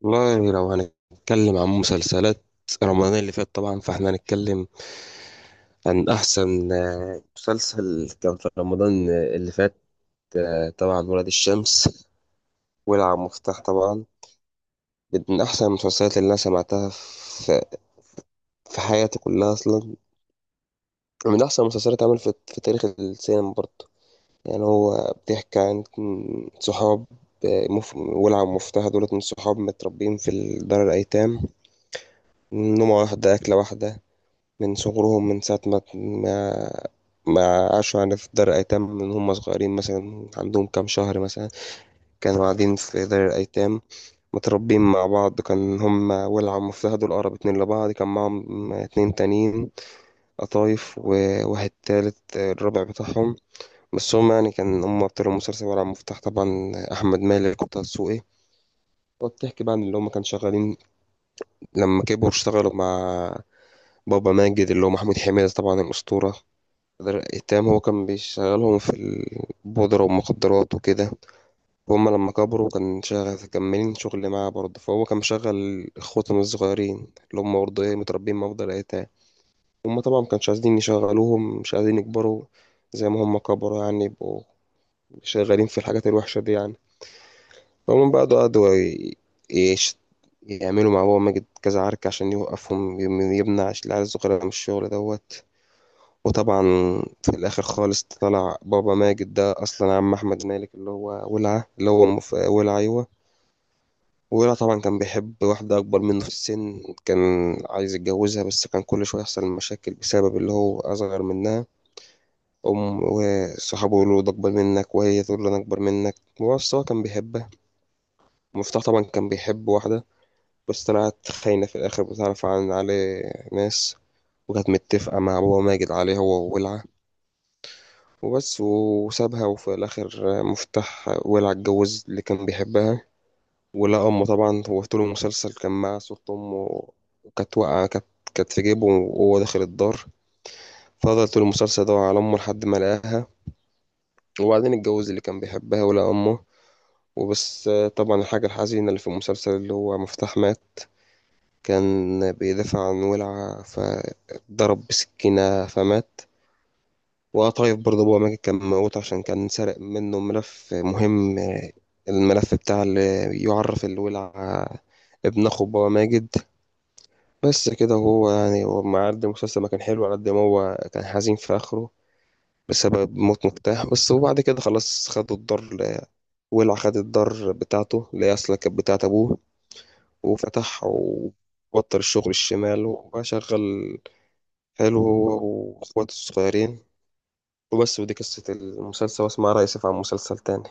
والله لو هنتكلم عن مسلسلات رمضان اللي فات طبعا فاحنا هنتكلم عن أحسن مسلسل كان في رمضان اللي فات. طبعا ولاد الشمس، ولع مفتاح طبعا، من أحسن المسلسلات اللي أنا سمعتها في حياتي كلها أصلا. من أحسن المسلسلات اتعمل في تاريخ السينما برضه. يعني هو بيحكي عن صحاب. ولع ومفتاح دولت من صحاب متربيين في دار الأيتام، نومة واحدة أكلة واحدة، من صغرهم، من ساعة ما ما عاشوا، يعني في دار الأيتام من هم صغيرين، مثلا عندهم كام شهر مثلا كانوا قاعدين في دار الأيتام، متربين مع بعض. كان هم ولع ومفتهد والأقرب اتنين لبعض، كان معاهم اتنين تانيين، قطايف واحد تالت الرابع بتاعهم، بس هم يعني كان هم أبطال المسلسل ولع ومفتاح طبعا، أحمد مالك وطه دسوقي. وبتحكي بقى عن اللي هم كانوا شغالين لما كبروا، اشتغلوا مع بابا ماجد اللي هو محمود حميدة طبعا الأسطورة. التام هو كان بيشغلهم في البودرة والمخدرات وكده، وهم لما كبروا كان شغال كملين شغل معاه برضه. فهو كان مشغل اخواتهم الصغيرين اللي هم برضه ايه متربيين مع أفضل الأيتام. هم طبعا مكانش عايزين يشغلوهم، مش عايزين يكبروا زي ما هم كبروا، يعني يبقوا شغالين في الحاجات الوحشة دي يعني. فهم بقى قعدوا يش- يعملوا مع بابا ماجد كذا عركة عشان يوقفهم، يمنع العيال الصغيرة من الشغل دوت. وطبعا في الاخر خالص طلع بابا ماجد ده اصلا عم احمد مالك اللي هو ولعه، اللي هو ولع، ايوه. ولع طبعا كان بيحب واحده اكبر منه في السن، كان عايز يتجوزها، بس كان كل شويه يحصل مشاكل بسبب اللي هو اصغر منها، ام وصحابه يقولوا ده اكبر منك، وهي تقول له انا اكبر منك، بس هو كان بيحبها. مفتاح طبعا كان بيحب واحده بس طلعت خاينه في الاخر، بتعرف عن عليه ناس، وكانت متفقه مع بابا ماجد عليه هو وولعه. وبس، وسابها. وفي الآخر مفتاح ولع اتجوز اللي كان بيحبها ولقى أمه. طبعا هو طول المسلسل كان معاه صورة أمه، وكانت واقعة، كانت في جيبه وهو داخل الدار، فضل طول المسلسل يدور على أمه لحد ما لقاها. وبعدين اتجوز اللي كان بيحبها ولقى أمه. وبس. طبعا الحاجة الحزينة اللي في المسلسل، اللي هو مفتاح مات، كان بيدافع عن ولعة فضرب بسكينة فمات. وقطايف برضه أبوه ماجد كان موجود عشان كان سرق منه ملف مهم، الملف بتاع اللي يعرف الولع ابن أخو بابا ماجد. بس كده. هو يعني هو مع قد المسلسل ما كان حلو، على قد ما هو كان حزين في آخره بسبب موت مفتاح بس. وبعد كده خلاص خدوا الدار، ولع خد الدار بتاعته اللي هي أصلا كانت بتاعت أبوه، وفتح وبطل الشغل الشمال وبقى شغال حلو هو وإخواته الصغيرين. وبس، ودي قصة المسلسل. واسمع رأيي سيف عن مسلسل تاني.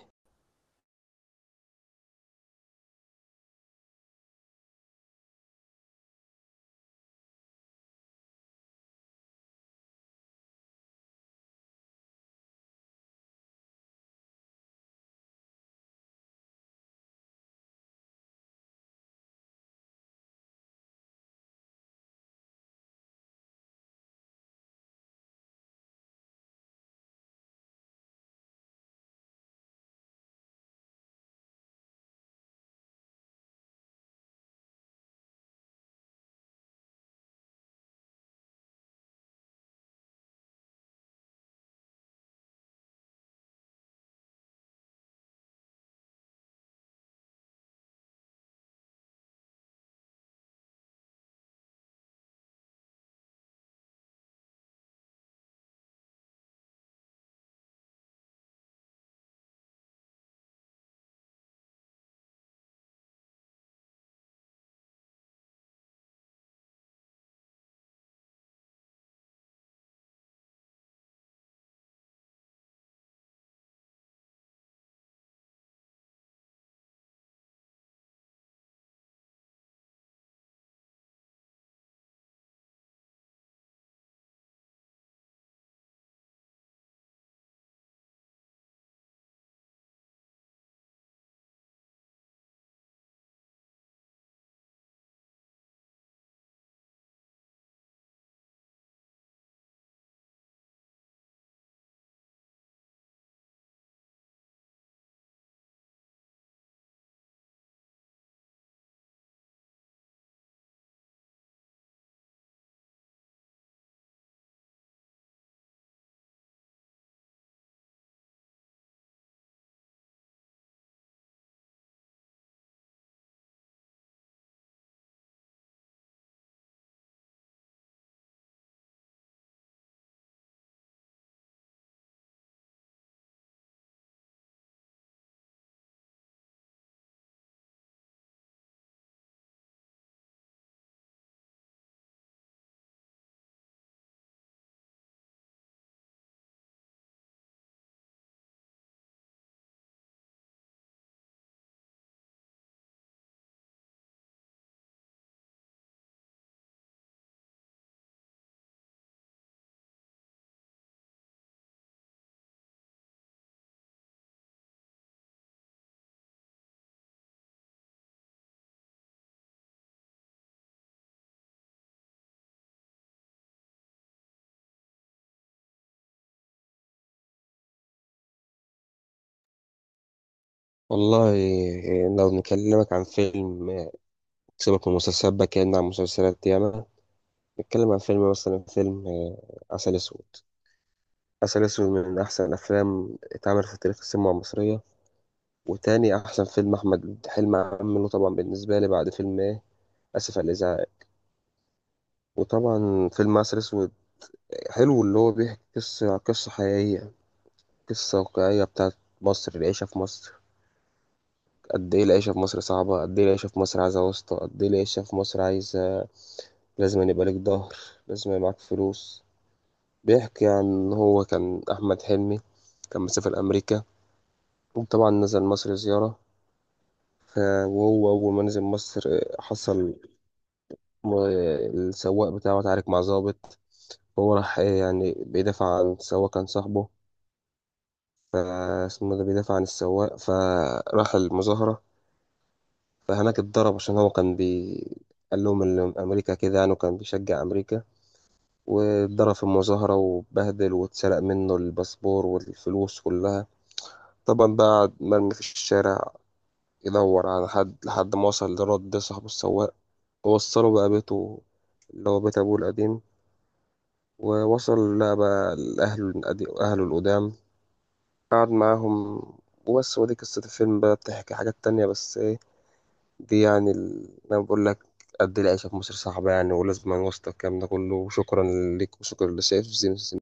والله، لو نكلمك عن فيلم، سيبك من المسلسلات بقى، كأننا عن مسلسلات ياما، نتكلم عن فيلم. مثلا فيلم عسل أسود. عسل أسود من أحسن الأفلام اتعملت في تاريخ السينما المصرية، وتاني أحسن فيلم أحمد حلمي عمله طبعا بالنسبة لي بعد فيلم إيه، آسف على الإزعاج. وطبعا فيلم عسل أسود حلو، اللي هو بيحكي قصة حقيقية، قصة واقعية بتاعت مصر، العيشة في مصر، قد ايه العيشة في مصر صعبة، قد ايه العيشة في مصر عايزة واسطة، قد ايه العيشة في مصر عايزة، لازم أن يبقى لك ظهر، لازم يبقى معاك فلوس. بيحكي عن إن هو كان أحمد حلمي كان مسافر أمريكا، وطبعا نزل مصر زيارة. ف- وهو أول ما نزل مصر حصل السواق بتاعه اتعارك مع ظابط. هو راح يعني بيدافع عن السواق، كان صاحبه، فاسمه ده بيدافع عن السواق، فراح المظاهرة، فهناك اتضرب عشان هو كان بي، قال لهم إن أمريكا كده يعني، وكان بيشجع أمريكا، واتضرب في المظاهرة واتبهدل واتسرق منه الباسبور والفلوس كلها. طبعا بقى مرمي في الشارع، يدور على حد لحد ما وصل لرد ده صاحبه السواق، ووصله بقى بيته اللي هو بيت أبوه القديم. ووصل لقى بقى لأهله أهله القدام، قعد معاهم. وبس، ودي قصة الفيلم بقى، بتحكي حاجات تانية بس إيه، دي يعني ال... انا بقول لك قد العيشه في مصر صعبه يعني، ولازم نوصل الكلام ده كله. وشكرا ليك وشكرا لسيف. زين.